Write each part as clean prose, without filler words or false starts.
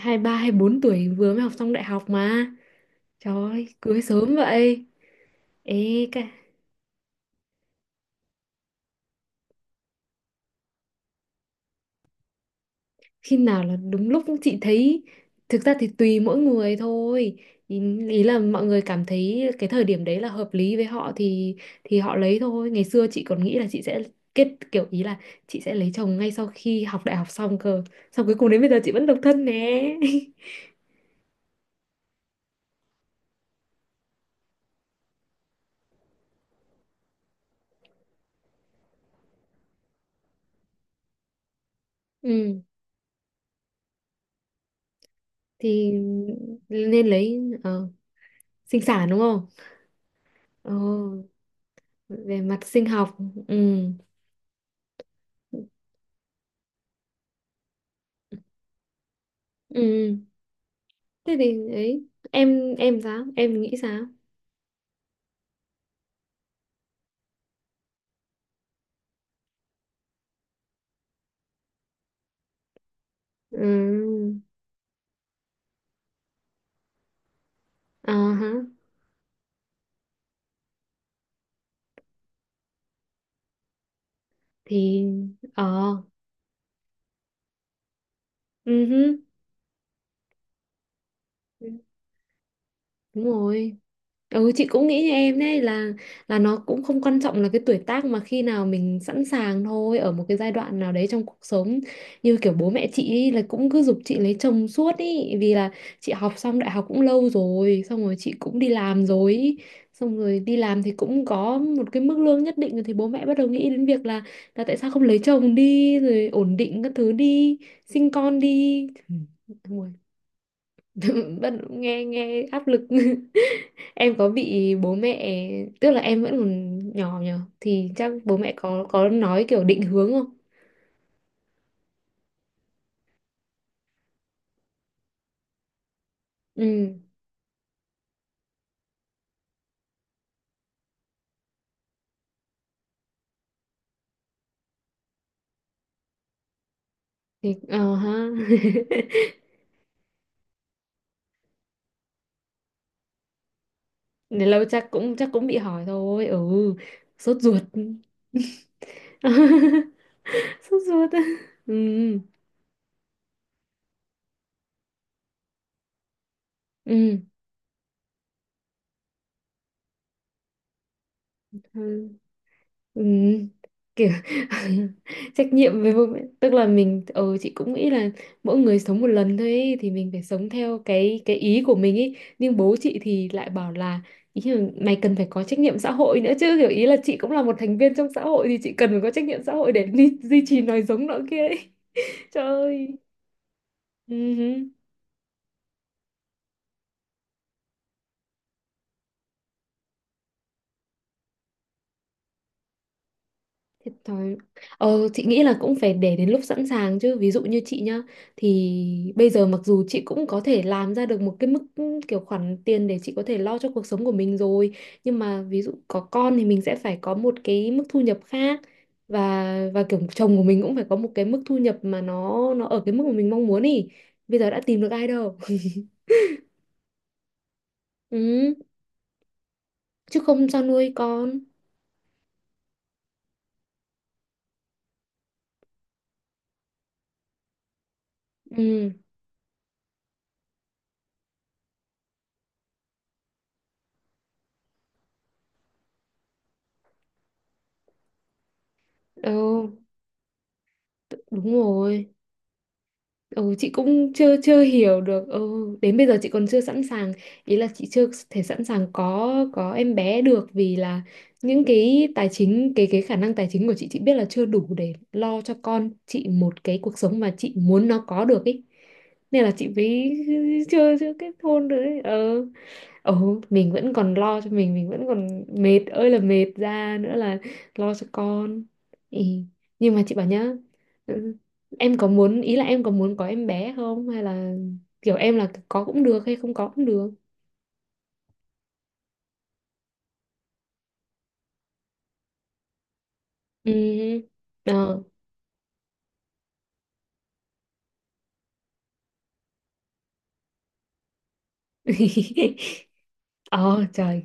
23, 24 tuổi vừa mới học xong đại học mà trời ơi, cưới sớm vậy. Ê cái, khi nào là đúng lúc? Chị thấy thực ra thì tùy mỗi người thôi. Ý, ý là mọi người cảm thấy cái thời điểm đấy là hợp lý với họ thì họ lấy thôi. Ngày xưa chị còn nghĩ là chị sẽ kết, kiểu ý là chị sẽ lấy chồng ngay sau khi học đại học xong cơ. Xong cuối cùng đến bây giờ chị vẫn độc thân nè. Ừ thì nên lấy sinh sản đúng không? Ờ, về mặt sinh học. Ừ. Ừ thế thì ấy, em sao, em nghĩ sao? Ừ. Ờ hả. Thì. Ờ. Ừ hứ, đúng rồi. Ừ, chị cũng nghĩ như em đấy, là nó cũng không quan trọng là cái tuổi tác, mà khi nào mình sẵn sàng thôi, ở một cái giai đoạn nào đấy trong cuộc sống. Như kiểu bố mẹ chị ý, là cũng cứ giục chị lấy chồng suốt ý, vì là chị học xong đại học cũng lâu rồi, xong rồi chị cũng đi làm rồi ý. Xong rồi đi làm thì cũng có một cái mức lương nhất định rồi thì bố mẹ bắt đầu nghĩ đến việc là tại sao không lấy chồng đi rồi ổn định các thứ đi, sinh con đi. Ừ, ôi, bắt đầu nghe nghe áp lực. Em có bị bố mẹ, tức là em vẫn còn nhỏ nhờ thì chắc bố mẹ có nói kiểu định hướng không? Ừ thì ờ ha. Đến lâu chắc cũng bị hỏi thôi. Ừ, sốt ruột. Sốt ruột. Ừ. Ừ. Ừ. Ừ, kiểu trách nhiệm với bố mẹ, tức là mình, ờ, chị cũng nghĩ là mỗi người sống một lần thôi ấy, thì mình phải sống theo cái ý của mình ấy, nhưng bố chị thì lại bảo là ý là mày cần phải có trách nhiệm xã hội nữa chứ, kiểu ý là chị cũng là một thành viên trong xã hội thì chị cần phải có trách nhiệm xã hội để duy trì nòi giống nọ kia ấy. Trời ơi. Ừ. Thiệt thòi. Ờ, chị nghĩ là cũng phải để đến lúc sẵn sàng chứ. Ví dụ như chị nhá, thì bây giờ mặc dù chị cũng có thể làm ra được một cái mức, ừ, kiểu khoản tiền để chị có thể lo cho cuộc sống của mình rồi, nhưng mà ví dụ có con thì mình sẽ phải có một cái mức thu nhập khác, và và kiểu chồng của mình cũng phải có một cái mức thu nhập mà nó ở cái mức mà mình mong muốn ý. Bây giờ đã tìm được ai đâu. Ừ, chứ không sao nuôi con. Ừ. Ừ đúng rồi. Ừ, chị cũng chưa chưa hiểu được. Ừ, đến bây giờ chị còn chưa sẵn sàng, ý là chị chưa thể sẵn sàng có em bé được, vì là những cái tài chính, cái khả năng tài chính của chị biết là chưa đủ để lo cho con chị một cái cuộc sống mà chị muốn nó có được ý. Nên là chị mới chưa chưa kết hôn được ấy. Ờ. Ừ, mình vẫn còn lo cho mình vẫn còn mệt ơi là mệt, ra nữa là lo cho con. Ừ. Nhưng mà chị bảo nhá. Ừ, em có muốn, ý là em có muốn có em bé không, hay là kiểu em là có cũng được hay không có cũng được? Ừ. Ờ. Ờ trời.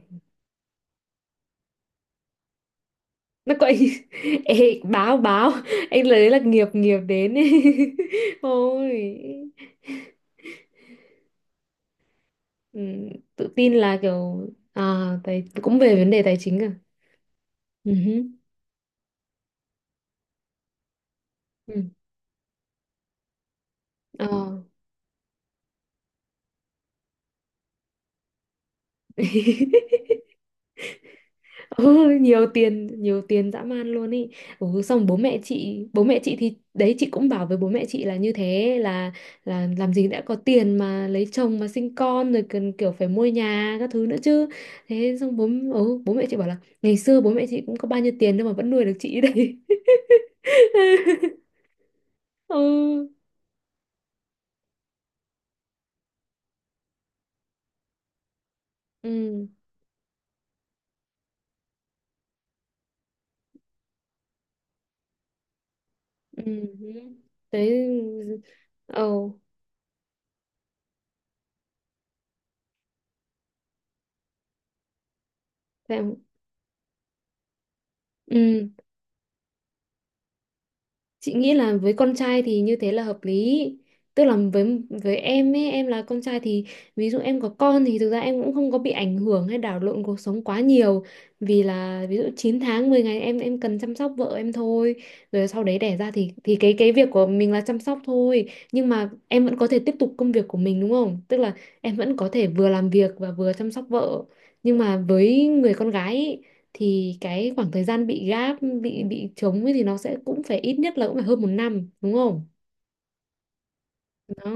Nó quậy. Ê, báo báo anh lấy là nghiệp, nghiệp đến ấy. Ôi. Ừ, tự tin là kiểu à, tài, cũng về vấn đề tài chính à. Ừ. Ờ. Ừ, nhiều tiền, nhiều tiền dã man luôn ý. Ừ, xong bố mẹ chị, bố mẹ chị thì đấy, chị cũng bảo với bố mẹ chị là như thế là làm gì đã có tiền mà lấy chồng mà sinh con rồi cần kiểu phải mua nhà các thứ nữa chứ. Thế xong bố, ừ, bố mẹ chị bảo là ngày xưa bố mẹ chị cũng có bao nhiêu tiền đâu mà vẫn nuôi được chị đấy. Ừ. Ừ. Ừ. Thế. Ừ. Ờ, thế. Ừ. Chị nghĩ là với con trai thì như thế là hợp lý. Tức là với em ấy, em là con trai thì ví dụ em có con thì thực ra em cũng không có bị ảnh hưởng hay đảo lộn cuộc sống quá nhiều, vì là ví dụ 9 tháng 10 ngày em cần chăm sóc vợ em thôi. Rồi sau đấy đẻ ra thì cái việc của mình là chăm sóc thôi, nhưng mà em vẫn có thể tiếp tục công việc của mình đúng không? Tức là em vẫn có thể vừa làm việc và vừa chăm sóc vợ, nhưng mà với người con gái ý, thì cái khoảng thời gian bị gáp, bị trống ấy, thì nó sẽ cũng phải ít nhất là cũng phải hơn 1 năm đúng không? Nó.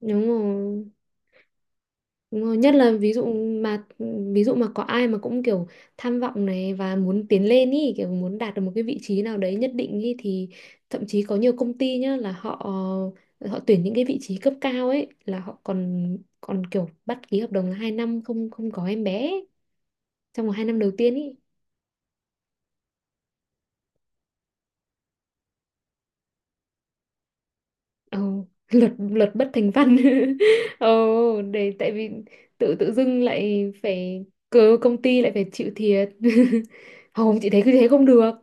Đúng rồi. Đúng rồi, nhất là mà ví dụ mà có ai mà cũng kiểu tham vọng này và muốn tiến lên ý, kiểu muốn đạt được một cái vị trí nào đấy nhất định ý, thì thậm chí có nhiều công ty nhá, là họ họ tuyển những cái vị trí cấp cao ấy là họ còn còn kiểu bắt ký hợp đồng là 2 năm không, không có em bé ấy, trong vòng 2 năm đầu tiên ý. Ồ, luật, luật bất thành văn. Ồ, để tại vì tự tự dưng lại phải, cớ công ty lại phải chịu thiệt. Không chị thấy cứ thế không được,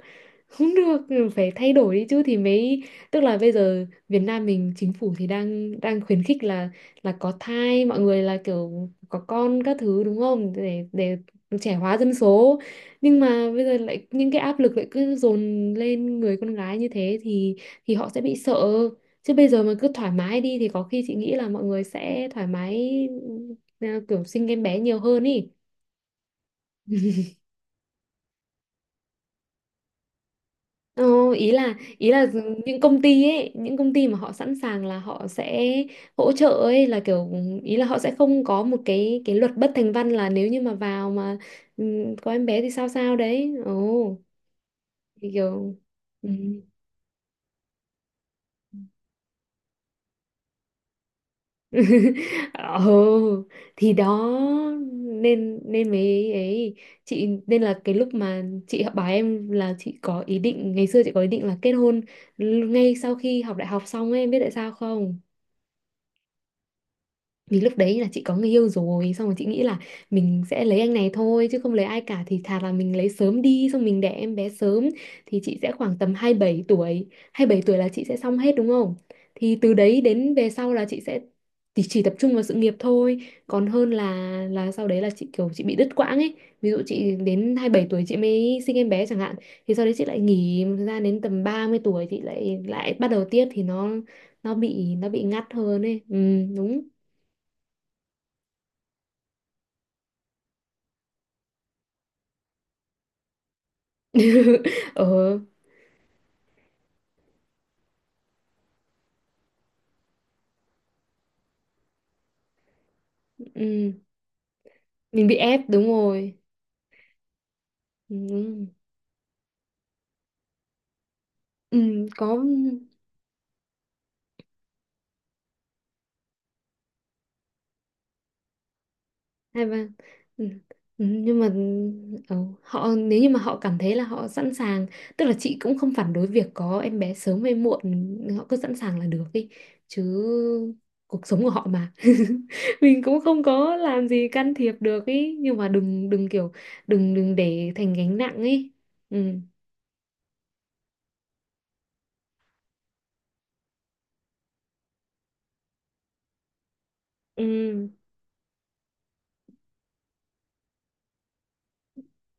không được, phải thay đổi đi chứ thì mới. Tức là bây giờ Việt Nam mình, chính phủ thì đang đang khuyến khích là có thai mọi người là kiểu có con các thứ đúng không, để để trẻ hóa dân số, nhưng mà bây giờ lại những cái áp lực lại cứ dồn lên người con gái như thế thì họ sẽ bị sợ. Chứ bây giờ mà cứ thoải mái đi thì có khi chị nghĩ là mọi người sẽ thoải mái, ừ, à, kiểu sinh em bé nhiều hơn ý. Ờ, ý là những công ty ấy, những công ty mà họ sẵn sàng là họ sẽ hỗ trợ ấy, là kiểu ừ, ý là họ sẽ không có một cái luật bất thành văn là nếu như mà vào mà, ừ, có em bé thì sao sao đấy. Ồ, thì kiểu. Ừ. Ồ. Thì đó, nên nên mấy ấy, chị nên là cái lúc mà chị học bài, em là chị có ý định, ngày xưa chị có ý định là kết hôn l- ngay sau khi học đại học xong ấy, em biết tại sao không? Vì lúc đấy là chị có người yêu rồi, xong rồi chị nghĩ là mình sẽ lấy anh này thôi chứ không lấy ai cả, thì thà là mình lấy sớm đi xong mình đẻ em bé sớm thì chị sẽ khoảng tầm 27 tuổi. 27 tuổi là chị sẽ xong hết đúng không? Thì từ đấy đến về sau là chị sẽ thì chỉ tập trung vào sự nghiệp thôi, còn hơn là sau đấy là chị kiểu chị bị đứt quãng ấy. Ví dụ chị đến 27 tuổi chị mới sinh em bé chẳng hạn, thì sau đấy chị lại nghỉ một thời gian đến tầm 30 tuổi chị lại lại bắt đầu tiếp thì nó nó bị ngắt hơn ấy. Ừ, đúng. Ờ. Ừ. Mình bị ép, đúng rồi. Ừ. Ừ. Có. 23. Ừ. Ừ, nhưng mà ờ, họ nếu như mà họ cảm thấy là họ sẵn sàng, tức là chị cũng không phản đối việc có em bé sớm hay muộn, họ cứ sẵn sàng là được đi chứ, cuộc sống của họ mà. Mình cũng không có làm gì can thiệp được ý, nhưng mà đừng đừng kiểu, đừng đừng để thành gánh nặng ý. Ừ. Ừ.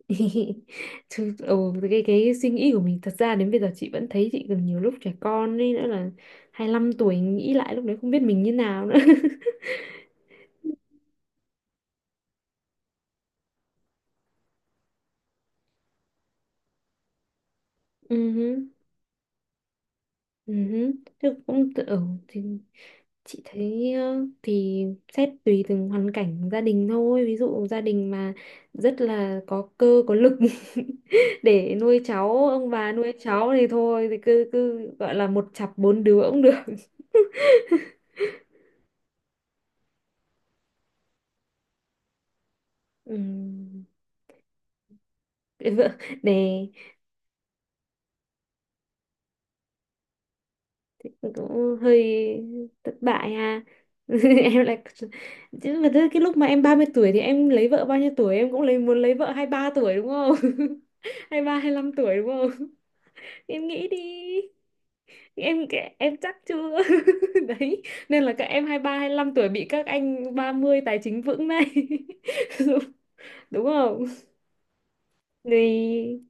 Chứ, ừ, cái suy nghĩ của mình thật ra đến bây giờ chị vẫn thấy chị còn nhiều lúc trẻ con ấy, nữa là 25 tuổi, nghĩ lại lúc đấy không biết mình như nào nữa. Ừ hứ, ừ hứ. Chứ cũng tự-, ừ, thì chị thấy ờ, thì xét tùy từng hoàn cảnh gia đình thôi. Ví dụ gia đình mà rất là có cơ có lực để nuôi cháu, ông bà nuôi cháu thì thôi thì cứ cứ gọi là một chặp 4 đứa cũng được. Ừ. Cưới vợ nè. Cũng hơi thất bại ha. Em lại chứ, mà thế cái lúc mà em 30 tuổi thì em lấy vợ bao nhiêu tuổi, em cũng lấy muốn lấy vợ 23 tuổi đúng không? 23 25 tuổi đúng không? Em nghĩ đi, em em chắc chưa. Đấy, nên là các em 23 25 tuổi bị các anh 30 tài chính vững này. Đúng. Đúng không? Thì.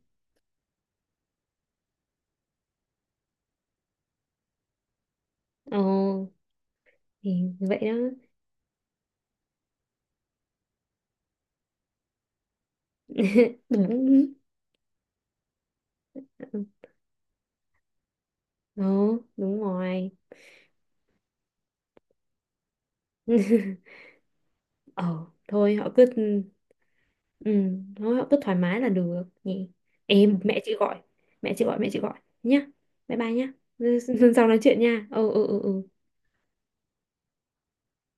Ồ. Thì vậy đó. Đúng. Ừ, đúng rồi. Ờ thôi họ cứ, ừ, thôi họ cứ thoải mái là được nhỉ. Em, mẹ chị gọi, mẹ chị gọi, mẹ chị gọi nhá, bye bye nhá. Sau nói chuyện nha, ừ ừ ừ ừ.